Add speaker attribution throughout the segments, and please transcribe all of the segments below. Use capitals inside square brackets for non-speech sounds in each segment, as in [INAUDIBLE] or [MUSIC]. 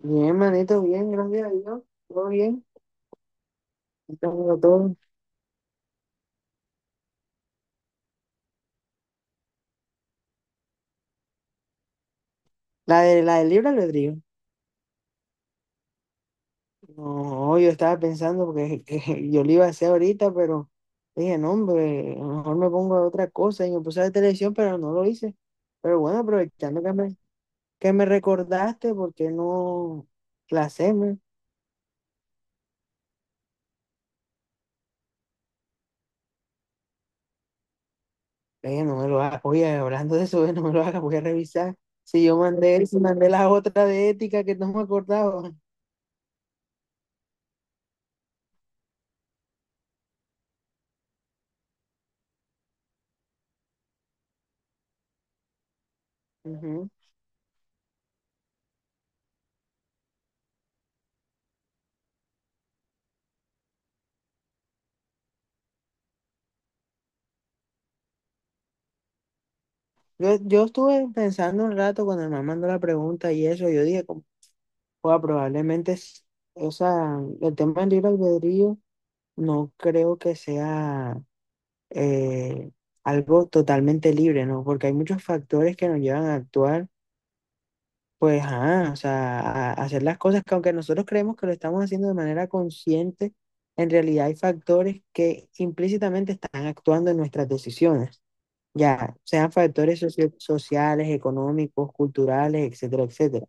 Speaker 1: Bien, manito, bien, gracias a Dios. Todo bien. Estamos todo. La de la del libre albedrío. No, yo estaba pensando porque [LAUGHS] que yo lo iba a hacer ahorita, pero dije, no, hombre, a lo mejor me pongo a otra cosa y me puse a ver televisión, pero no lo hice. Pero bueno, aprovechando que me recordaste, ¿por qué no la hacemos? Le dije, no me lo hagas, oye, hablando de eso, [LAUGHS] no me lo hagas, voy a revisar. Si mandé la otra de ética que no me acordaba. Ujú. Yo estuve pensando un rato cuando me mandó la pregunta y eso, yo dije, como, "Joda, probablemente, o sea, el tema del libre albedrío no creo que sea eh, algo totalmente libre, ¿no? Porque hay muchos factores que nos llevan a actuar, pues, ajá, o sea, a hacer las cosas que aunque nosotros creemos que lo estamos haciendo de manera consciente, en realidad hay factores que implícitamente están actuando en nuestras decisiones ya sean factores sociales, económicos, culturales, etcétera, etcétera.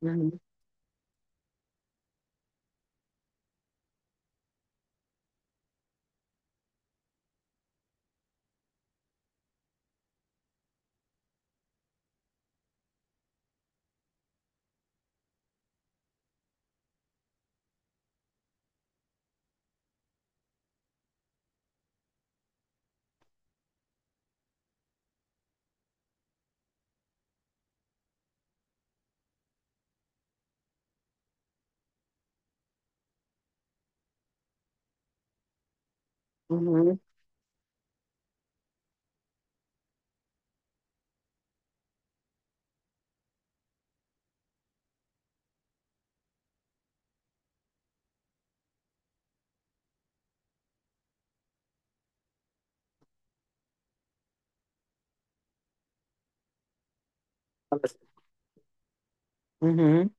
Speaker 1: Ujú, ujú, ujú.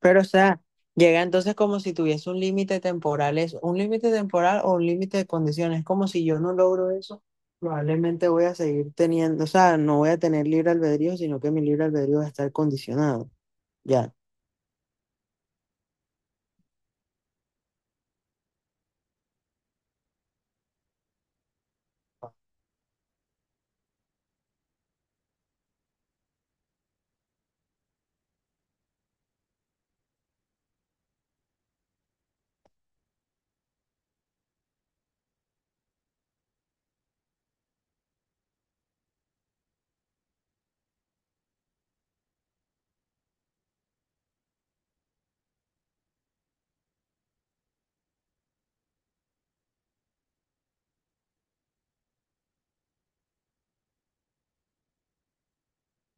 Speaker 1: Pero, o sea, llega entonces como si tuviese un límite temporal, es un límite temporal o un límite de condiciones. Es como si yo no logro eso, probablemente voy a seguir teniendo, o sea, no voy a tener libre albedrío, sino que mi libre albedrío va a estar condicionado. Ya.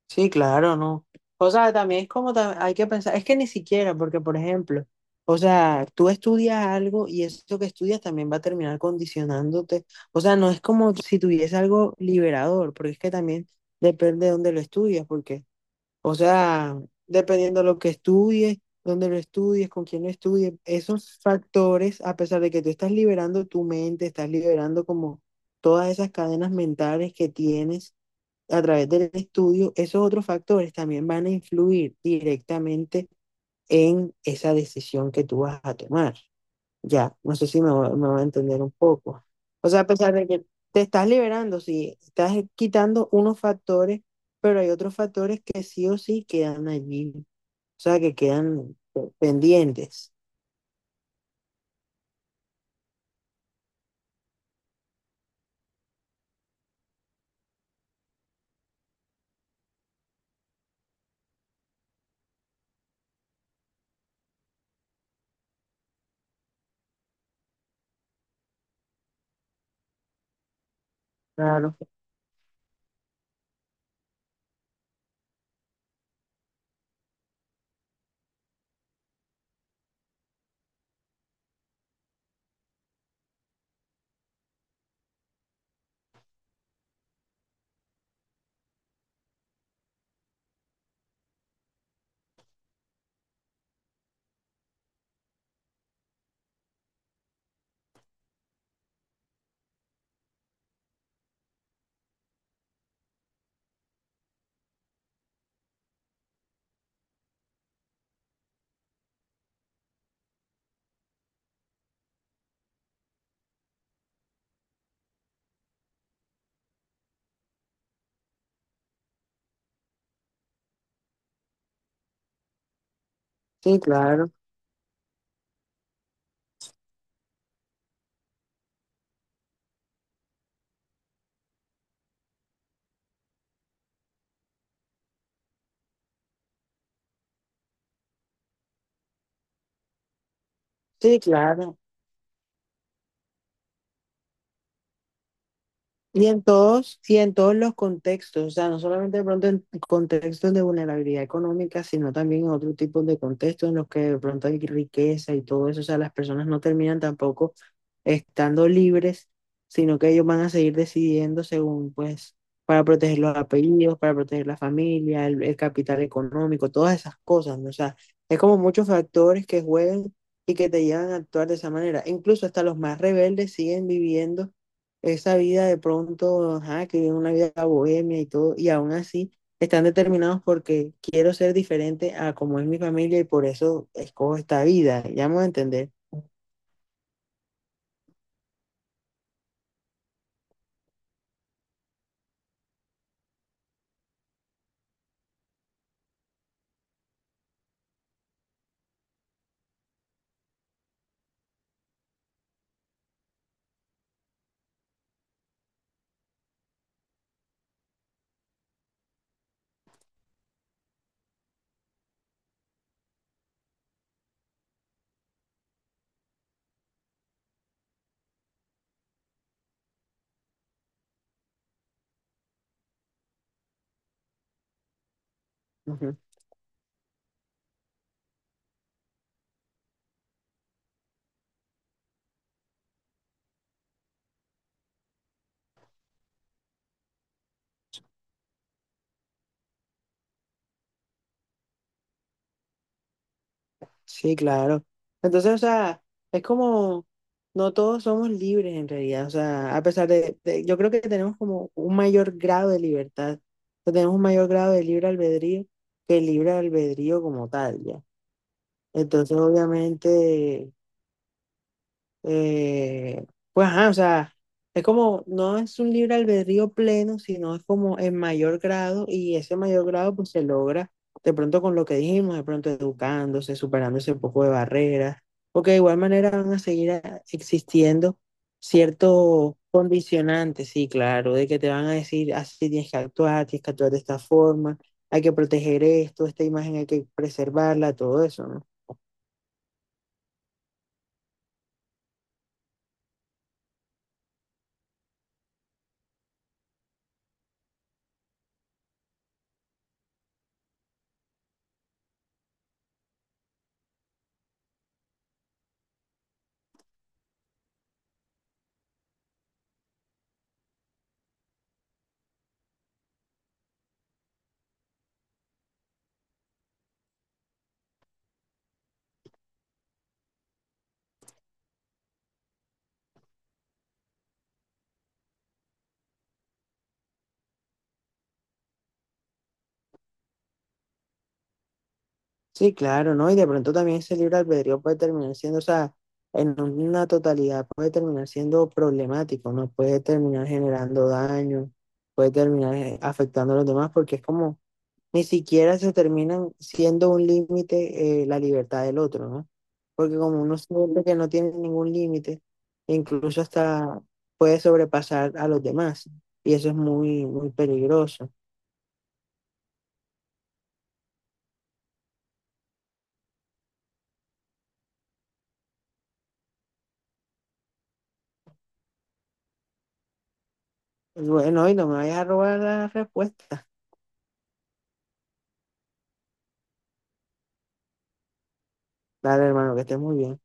Speaker 1: Sí, claro, no. O sea, también es como hay que pensar, es que ni siquiera, porque por ejemplo, o sea, tú estudias algo y eso que estudias también va a terminar condicionándote. O sea, no es como si tuviese algo liberador, porque es que también depende de dónde lo estudias, porque, o sea, dependiendo de lo que estudies, dónde lo estudies, con quién lo estudies, esos factores, a pesar de que tú estás liberando tu mente, estás liberando como todas esas cadenas mentales que tienes a través del estudio, esos otros factores también van a influir directamente en esa decisión que tú vas a tomar. Ya, no sé si me, va- me va a entender un poco. O sea, a pesar de que te estás liberando, sí, estás quitando unos factores, pero hay otros factores que sí o sí quedan allí, o sea, que quedan pendientes. Claro, sí, claro, sí, claro. Y en todos los contextos, o sea, no solamente de pronto en contextos de vulnerabilidad económica, sino también en otro tipo de contextos en los que de pronto hay riqueza y todo eso, o sea, las personas no terminan tampoco estando libres, sino que ellos van a seguir decidiendo según, pues, para proteger los apellidos, para proteger la familia, el capital económico, todas esas cosas, ¿no? O sea, es como muchos factores que juegan y que te llevan a actuar de esa manera. Incluso hasta los más rebeldes siguen viviendo esa vida de pronto, ajá, que viven una vida bohemia y todo, y aún así están determinados porque quiero ser diferente a como es mi familia y por eso escojo esta vida, ya me voy a entender. Ujú. Sí, claro. Entonces, o sea, es como, no todos somos libres en realidad, o sea, a pesar de, yo creo que tenemos como un mayor grado de libertad, o sea, tenemos un mayor grado de libre albedrío que el libre albedrío como tal, ya. Entonces, obviamente... Eh, pues, ajá, o sea, es como, no es un libre albedrío pleno, sino es como en mayor grado y ese mayor grado pues se logra de pronto con lo que dijimos, de pronto educándose, superando ese poco de barreras, porque de igual manera van a seguir existiendo ciertos condicionantes, sí, claro, de que te van a decir, así tienes que actuar de esta forma, hay que proteger esto, esta imagen hay que preservarla, todo eso, ¿no? Sí, claro, ¿no? Y de pronto también ese libre albedrío puede terminar siendo, o sea, en una totalidad puede terminar siendo problemático, ¿no? Puede terminar generando daño, puede terminar afectando a los demás, porque es como, ni siquiera se terminan siendo un límite la libertad del otro, ¿no? Porque como uno siente que no tiene ningún límite, incluso hasta puede sobrepasar a los demás, y eso es muy, muy peligroso. Bueno, y no me vayas a robar la respuesta. Dale, hermano, que estés muy bien.